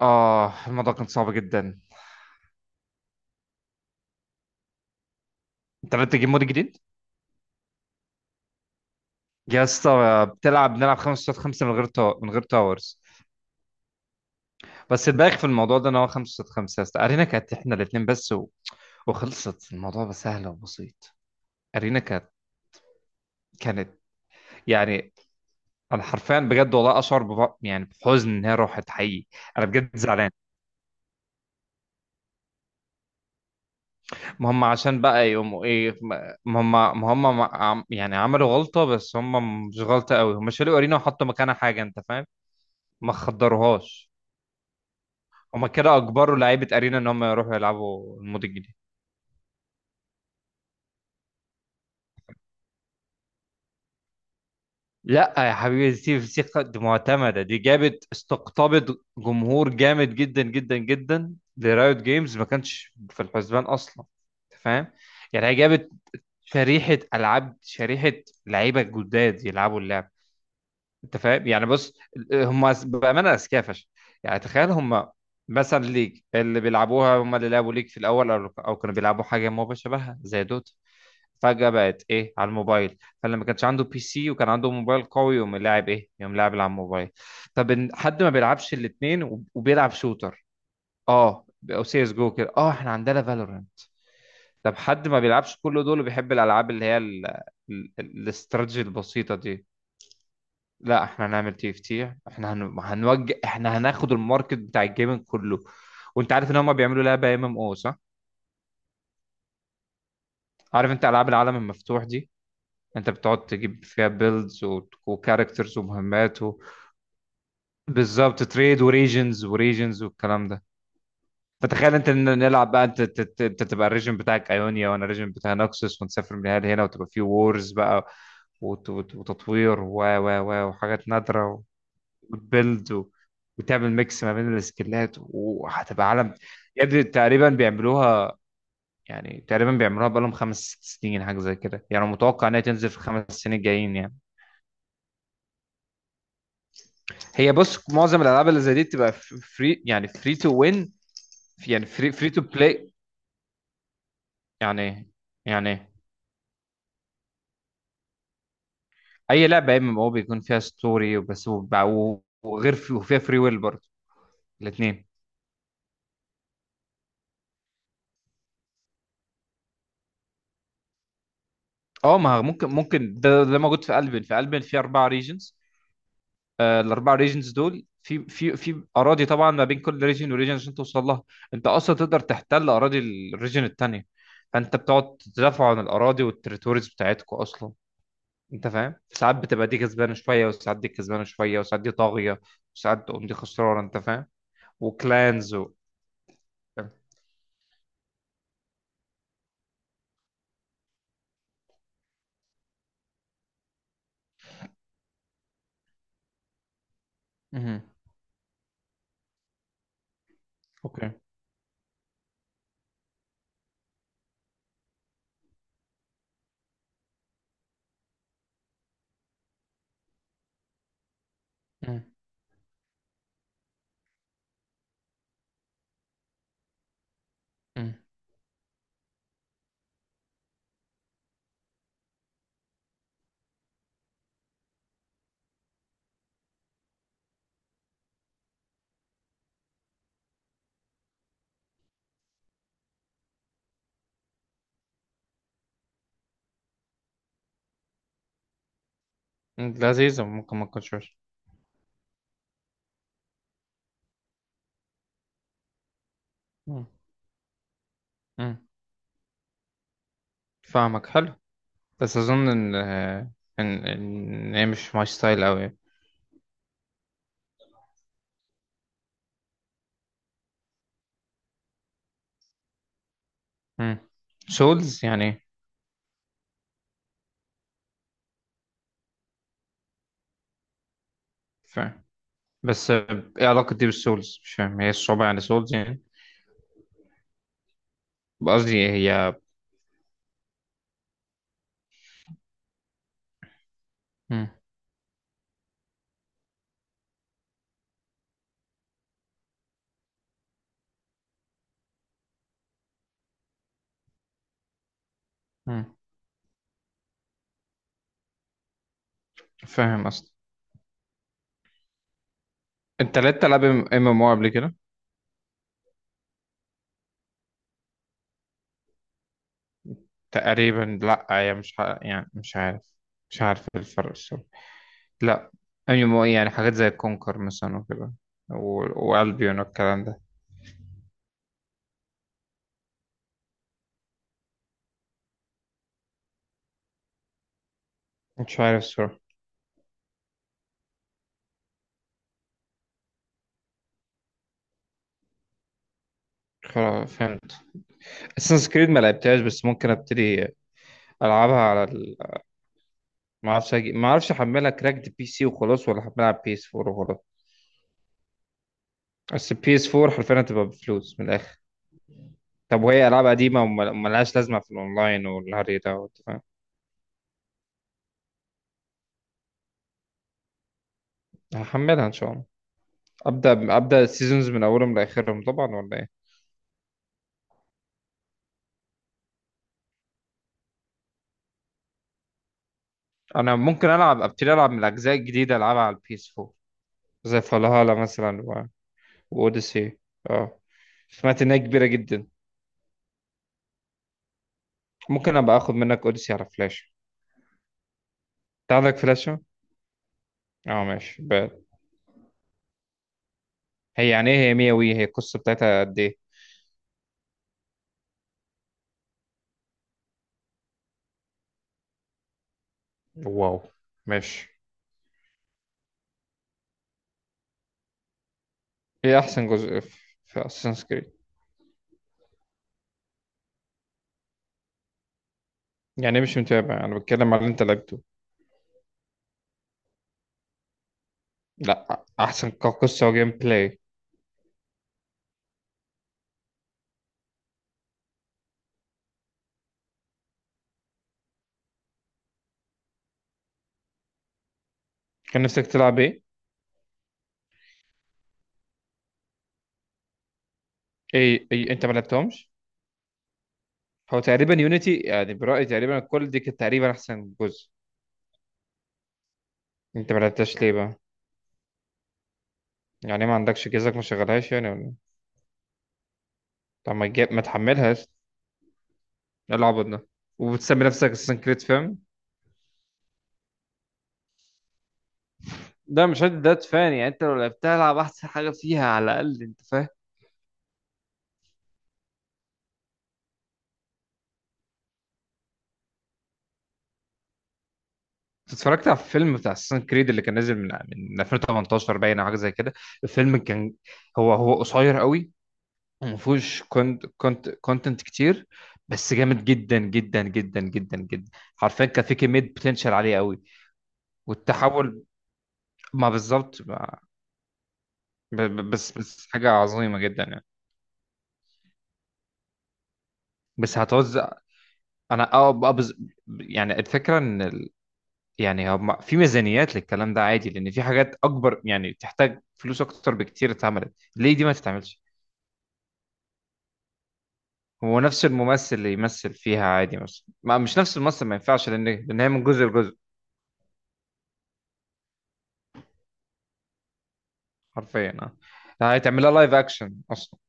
اه، الموضوع كان صعب جدا. انت بدأت تجيب مود جديد. يا اسطى بتلعب، بنلعب خمسة قصاد خمسة من غير من غير تاورز. بس الباقي في الموضوع ده ان هو خمسة قصاد خمسة يا اسطى، ارينا كانت احنا الاثنين بس وخلصت، الموضوع بقى سهل وبسيط. ارينا كانت كانت يعني انا حرفيا بجد والله اشعر بحزن ان هي راحت حقيقي. انا بجد زعلان. ما هم عشان بقى يقوموا ايه، ما هم يعني عملوا غلطة، بس هم مش غلطة قوي، هم شالوا ارينا وحطوا مكانها حاجة، انت فاهم. ما خدروهاش. هما كده اجبروا لعيبه ارينا ان هم يروحوا يلعبوا المود الجديد. لا يا حبيبي، ستيف سيخ دي معتمده، دي جابت، استقطبت جمهور جامد جدا جدا جدا لرايوت جيمز، ما كانش في الحسبان اصلا. أنت فاهم، يعني هي جابت شريحه العاب، شريحه لعيبه جداد يلعبوا اللعب. انت فاهم، يعني بص، هم بامانه اذكياء فشخ. يعني تخيل هم مثلا، ليج اللي بيلعبوها هم اللي لعبوا ليج في الاول، او كانوا بيلعبوا حاجه ما شبهها زي دوت، فجأة بقت ايه، على الموبايل. فلما كانش عنده بي سي وكان عنده موبايل قوي، يقوم لاعب ايه، يقوم لاعب على الموبايل. طب حد ما بيلعبش الاتنين وبيلعب شوتر، اه، او سي اس جو كده، اه احنا عندنا فالورانت. طب حد ما بيلعبش كل دول وبيحب الالعاب اللي هي الاستراتيجي البسيطة دي، لا احنا هنعمل تي اف تي، احنا هنوجه، احنا هناخد الماركت بتاع الجيمنج كله. وانت عارف ان هم بيعملوا لعبة ام ام او، صح؟ عارف انت العاب العالم المفتوح دي، انت بتقعد تجيب فيها بيلدز وكاركترز ومهمات بالظبط، تريد وريجنز وريجنز والكلام ده. فتخيل انت إن نلعب بقى، انت انت تبقى الريجن بتاعك ايونيا، وانا الريجن بتاع نوكسوس، ونسافر من هنا لهنا، وتبقى في وورز بقى، وتطوير و و و وحاجات نادرة، وتبيلد وتعمل ميكس ما بين السكيلات، وهتبقى عالم. يا ابني تقريبا بيعملوها، يعني تقريبا بيعملوها بقالهم خمس ست سنين حاجة زي كده، يعني متوقع انها تنزل في الخمس سنين الجايين يعني. هي بص، معظم الالعاب اللي زي دي بتبقى فري، يعني فري تو وين، يعني فري تو بلاي، يعني يعني اي لعبه يا اما هو بيكون فيها ستوري وبس وغير في، وفيها فري ويل برضه، الاثنين. اه ما هو ممكن، ده موجود في البن في اربع ريجنز. آه، الاربع ريجنز دول في اراضي، طبعا ما بين كل ريجن وريجن عشان توصل لها، انت اصلا تقدر تحتل اراضي الريجن الثانيه. فانت بتقعد تدافع عن الاراضي والتريتوريز بتاعتكم اصلا، انت فاهم. ساعات بتبقى دي كسبانه شويه، وساعات دي كسبانه شويه، وساعات دي طاغيه، وساعات تقوم دي خسرانه، انت فاهم. وكلانز مهم. اوكي. مهم. مهم. لذيذه، ممكن ما تكونش وحشة. مهم. مهم. فاهمك، حلو. بس اظن ان هي مش ماي ستايل قوي. سولز يعني ايه؟ فاهم، بس ايه علاقه دي بالسولز، مش فاهم هي الصعوبه يعني سولز يعني، قصدي هي، مهم. مهم. فاهم اصلا. انت لعبت العاب ام ام او قبل كده؟ تقريبا لا، هي مش يعني مش عارف، مش عارف الفرق الصراحة. لا، يعني حاجات زي كونكر مثلا وكده، والبيون والكلام ده. مش عارف الصراحة. خلاص فهمت. اساسن كريد ما لعبتهاش، بس ممكن ابتدي العبها على ما اعرفش احملها كراكد بي سي وخلاص، ولا احملها على بي اس 4 وخلاص. بس البي اس 4 حرفيا هتبقى بفلوس من الاخر. طب وهي العاب قديمه وملهاش لازمه في الاونلاين والهري ده، وأنت فاهم. هحملها ان شاء الله. ابدا ابدا، السيزونز من اولهم لاخرهم طبعا، ولا ايه؟ انا ممكن العب، ابتدي العب من الاجزاء الجديده، العبها على البي اس 4، زي فالهالا مثلا واوديسي، اه. سمعت انها كبيره جدا. ممكن ابقى اخد منك اوديسي على فلاش؟ انت عندك فلاشه؟ اه ماشي بقى. هي يعني ايه هي 100 وي، هي القصه بتاعتها قد ايه؟ واو. ماشي. هي احسن جزء في في اساسنس كريد؟ يعني مش متابع، انا بتكلم على اللي انت لعبته. لا، احسن كقصه وجيم بلاي. كان نفسك تلعب ايه؟ ايه، إيه؟ انت ما لعبتهمش؟ هو تقريبا يونيتي، يعني برأيي تقريبا الكل دي كانت تقريبا أحسن جزء. أنت ما لعبتهاش ليه بقى؟ يعني ما عندكش جهازك ما شغلهاش، يعني ولا إيه؟ طب ما تجيب، ما تحملهاش. إيه العبط ده؟ وبتسمي نفسك أساسن كريد، فاهم؟ ده مش هادي، ده تفاني، يعني انت لو لعبتها العب احسن حاجه فيها على الاقل، انت فاهم. اتفرجت على الفيلم بتاع اساسن كريد اللي كان نازل من 2018 باين، او حاجه زي كده. الفيلم كان، هو هو قصير قوي، وما فيهوش كونتنت كتير، بس جامد جدا جدا جدا جدا جدا. حرفيا كان في كميه بوتنشال عاليه قوي، والتحول، ما بالظبط، بس حاجه عظيمه جدا يعني. بس هتوزع. انا اه بقى يعني الفكره ان يعني هم في ميزانيات للكلام ده عادي، لان في حاجات اكبر يعني تحتاج فلوس اكتر بكتير، اتعملت ليه دي ما تتعملش. هو نفس الممثل اللي يمثل فيها عادي مثلا، ما مش نفس الممثل ما ينفعش، لان هي من جزء لجزء. حرفيا اه، ده هيتعمل لها لايف اكشن اصلا.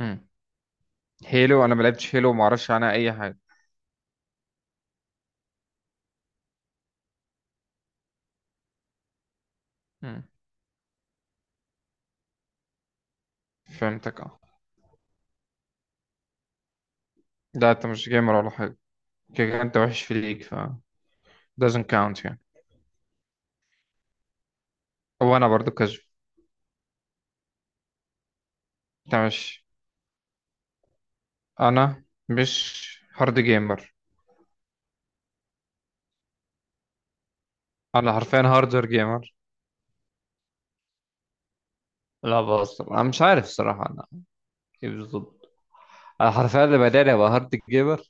مم. هيلو انا ما لعبتش هيلو، وما اعرفش عنها اي حاجه. مم. فهمتك اه. لا انت مش جيمر ولا حاجه، كده كده انت وحش في ليك، ف doesn't count يعني. وانا برضو كذب. انت مش، انا مش هارد جيمر. انا حرفيا هاردر جيمر، لا بهزر، انا مش عارف الصراحه، انا ايه بالظبط. انا حرفيا اللي بداني ابقى هارد جيمر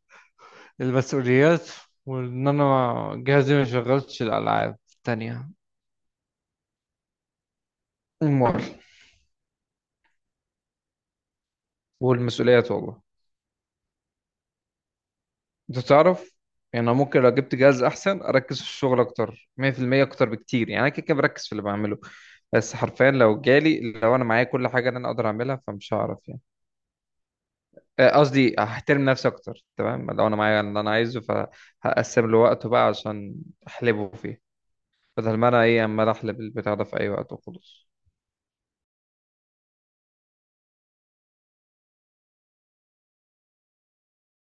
المسؤوليات، وان انا جهازي ما شغلتش الالعاب التانية. المر، والمسؤوليات والله. انت تعرف، يعني انا ممكن لو جبت جهاز احسن اركز في الشغل اكتر 100%، اكتر بكتير، يعني انا كده كده بركز في اللي بعمله، بس حرفيا لو جالي، لو انا معايا كل حاجه اللي انا اقدر اعملها، فمش هعرف يعني. قصدي هحترم نفسي اكتر، تمام؟ لو انا معايا اللي انا عايزه فهقسم له وقته بقى، عشان احلبه فيه، بدل ما انا ايه، عمال احلب البتاع ده في اي وقت وخلاص.